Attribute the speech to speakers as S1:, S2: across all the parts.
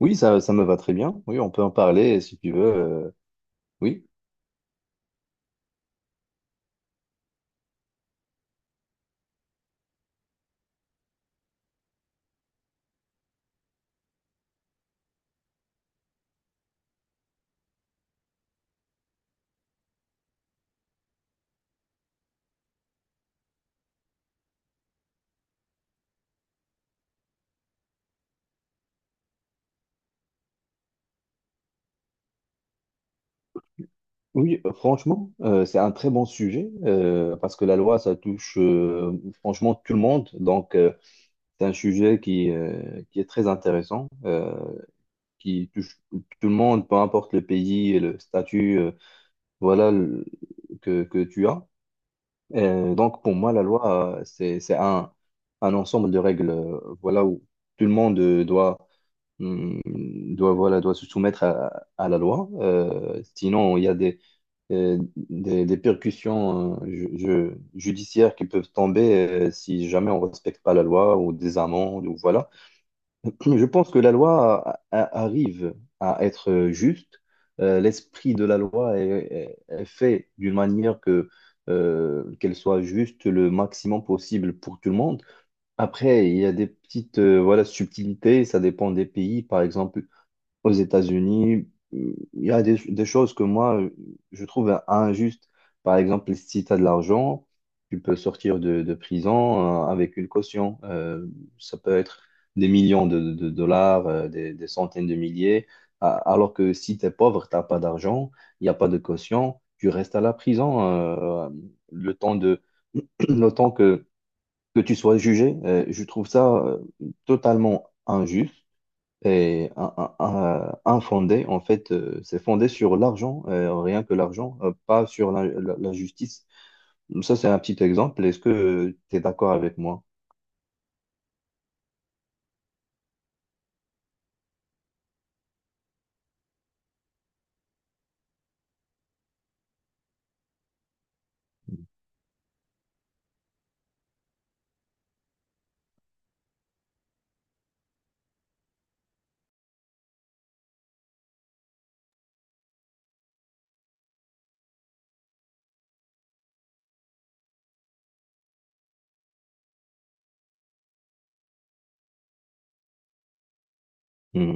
S1: Oui, ça me va très bien. Oui, on peut en parler si tu veux. Oui, oui, franchement, c'est un très bon sujet parce que la loi, ça touche franchement tout le monde. C'est un sujet qui est très intéressant, qui touche tout le monde, peu importe le pays et le statut, voilà, que tu as. Pour moi, la loi, c'est un ensemble de règles, voilà, où tout le monde doit hum, doit se soumettre à la loi. Sinon, il y a euh, des percussions judiciaires qui peuvent tomber si jamais on ne respecte pas la loi ou des amendes ou voilà. Je pense que la loi arrive à être juste. L'esprit de la loi est fait d'une manière que qu'elle soit juste le maximum possible pour tout le monde. Après, il y a des petites voilà, subtilités, ça dépend des pays. Par exemple, aux États-Unis, il y a des choses que je trouve injustes. Par exemple, si tu as de l'argent, tu peux sortir de prison avec une caution. Ça peut être des millions de dollars, euh, des centaines de milliers. Alors que si tu es pauvre, tu n'as pas d'argent, il n'y a pas de caution, tu restes à la prison le temps le temps que tu sois jugé. Je trouve ça totalement injuste. Et un en fait, c'est fondé sur l'argent, rien que l'argent, pas sur la justice. Ça, c'est un petit exemple. Est-ce que tu es d'accord avec moi? Mm.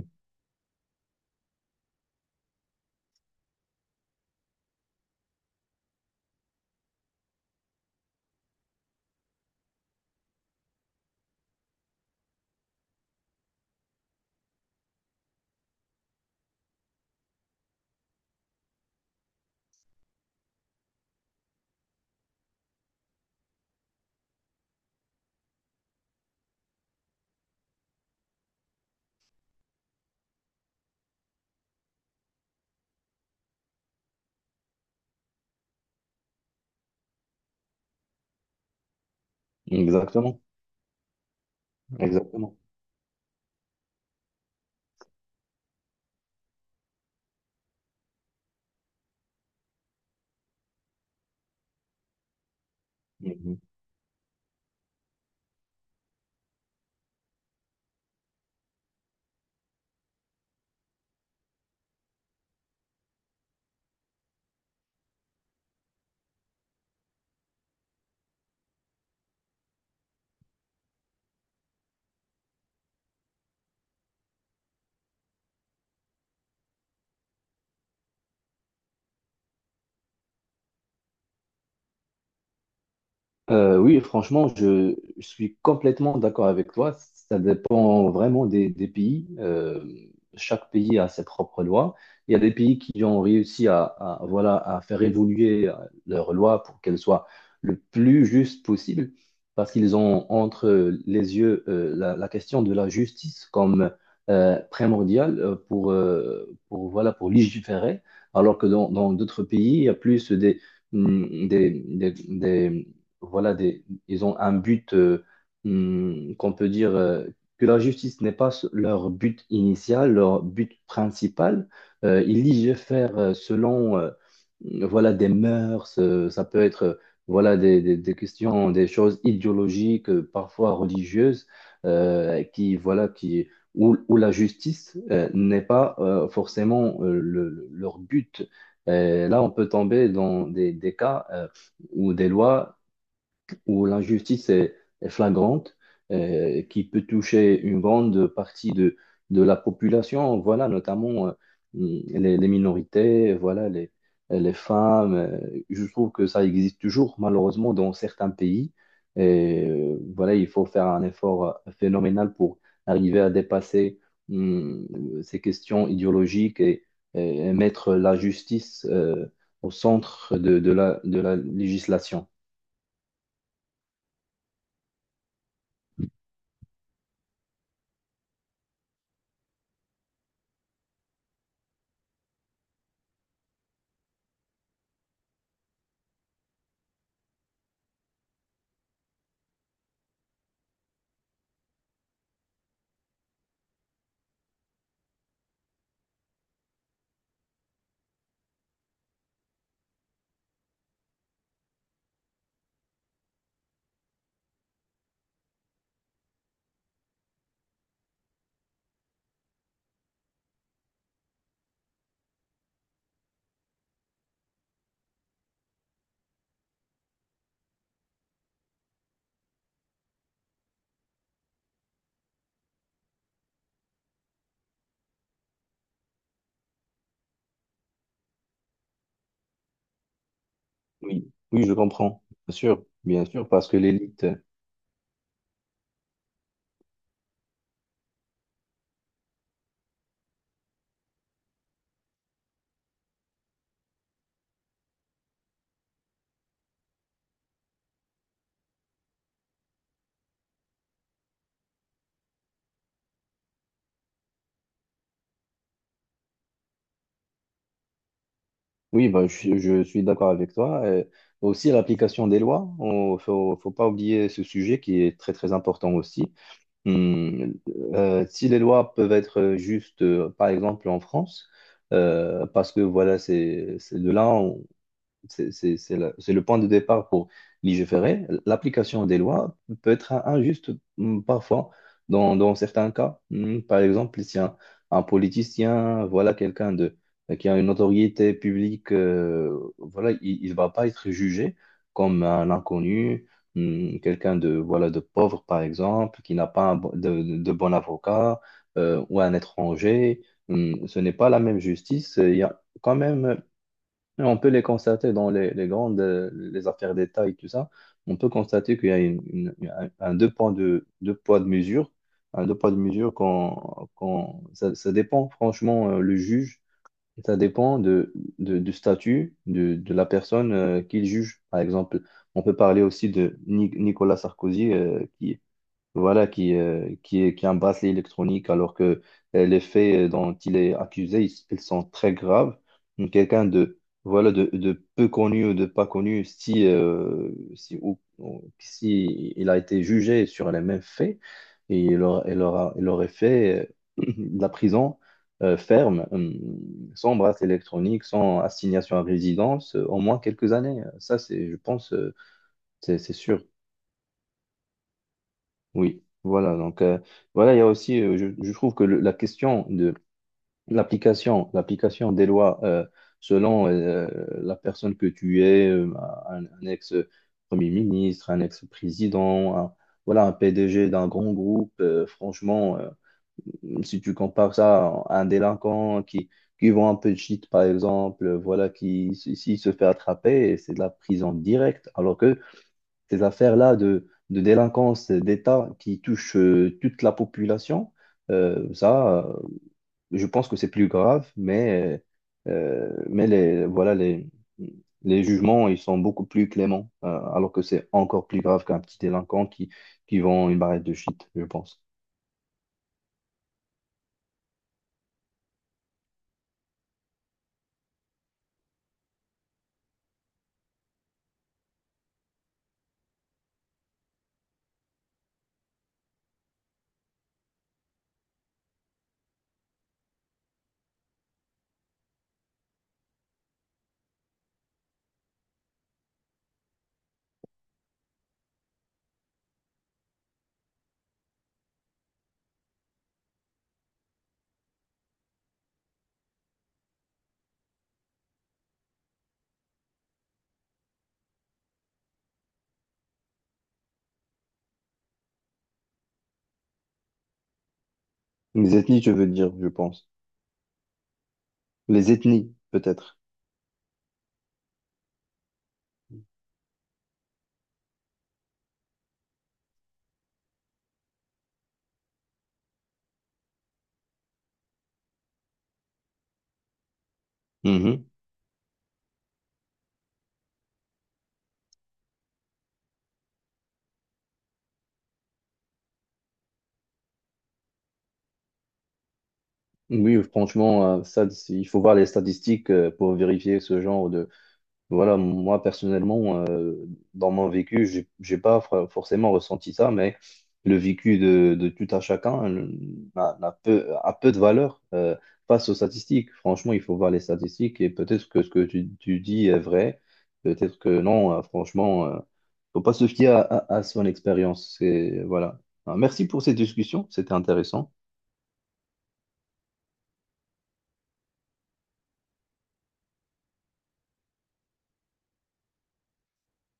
S1: Exactement, exactement. Mmh. Oui, franchement, je suis complètement d'accord avec toi. Ça dépend vraiment des pays. Chaque pays a ses propres lois. Il y a des pays qui ont réussi voilà, à faire évoluer leurs lois pour qu'elles soient le plus justes possible, parce qu'ils ont entre les yeux euh, la question de la justice comme primordiale euh, pour, voilà, pour légiférer, alors que dans d'autres pays, il y a plus des mm, des, des, des- voilà, des, ils ont un but qu'on peut dire que la justice n'est pas leur but initial, leur but principal. Ils légifèrent selon voilà, des mœurs, ça peut être voilà, des questions, des choses idéologiques, parfois religieuses, voilà, où la justice n'est pas forcément leur but. Là, on peut tomber dans des cas ou des lois où l'injustice est flagrante, qui peut toucher une grande partie de la population, voilà, notamment les minorités, voilà, les femmes. Je trouve que ça existe toujours, malheureusement, dans certains pays. Voilà, il faut faire un effort phénoménal pour arriver à dépasser hum, ces questions idéologiques et mettre la justice au centre de de la législation. Oui, oui, je comprends, bien sûr, parce que l'élite, oui, bah, je suis d'accord avec toi. Aussi, l'application des lois, faut pas oublier ce sujet qui est très, très important aussi. Hum, si les lois peuvent être justes, par exemple en France, parce que voilà, c'est de là, c'est le point de départ pour légiférer. L'application des lois peut être injuste parfois, dans certains cas. Mm, par exemple, si un, un politicien, voilà quelqu'un de, qui a une notoriété publique, voilà, il ne va pas être jugé comme un inconnu, mm, quelqu'un de, voilà, de pauvre, par exemple, qui n'a pas un de bon avocat, ou un étranger. Mm, ce n'est pas la même justice. Il y a quand même et on peut les constater dans les grandes les affaires d'État et tout ça. On peut constater qu'il y a un deux deux poids de mesure. Un deux poids de mesure quand ça dépend franchement le juge. Ça dépend du statut de la personne qu'il juge. Par exemple, on peut parler aussi de Nicolas Sarkozy voilà, qui est un bracelet électronique, alors que les faits dont il est accusé, ils sont très graves. Donc, quelqu'un de, voilà, de peu connu ou de pas connu, si, si, ou- si il a été jugé sur les mêmes faits, et il aurait fait de la prison ferme, sans bracelet électronique, sans assignation à résidence, au moins quelques années. Ça, c'est, je pense, c'est sûr. Oui, voilà. Donc, voilà, il y a aussi, je trouve que la question de l'application des lois selon la personne que tu es, euh, un ex-premier ministre, un ex-président, voilà, un PDG d'un grand groupe, franchement, si tu compares ça à un délinquant qui vend un peu de shit, par exemple, si, s'il se fait attraper, c'est de la prison directe. Alors que ces affaires-là de délinquance d'État qui touchent toute la population, euh, ça, euh, je pense que c'est plus grave, mais les jugements, ils sont beaucoup plus cléments, alors que c'est encore plus grave qu'un petit délinquant qui vend une barrette de shit, je pense. Les ethnies, je veux dire, je pense. Les ethnies, peut-être. Mhm. Oui, franchement, il faut voir les statistiques pour vérifier ce genre de, voilà, moi personnellement, dans mon vécu, j'ai pas forcément ressenti ça, mais le vécu de tout un chacun n'a peu, a peu de valeur face aux statistiques. Franchement, il faut voir les statistiques et peut-être que ce que tu dis est vrai, peut-être que non. Franchement, faut pas se fier à son expérience. C'est- voilà. Alors, merci pour cette discussion, c'était intéressant.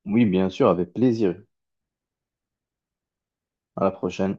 S1: Oui, bien sûr, avec plaisir. À la prochaine.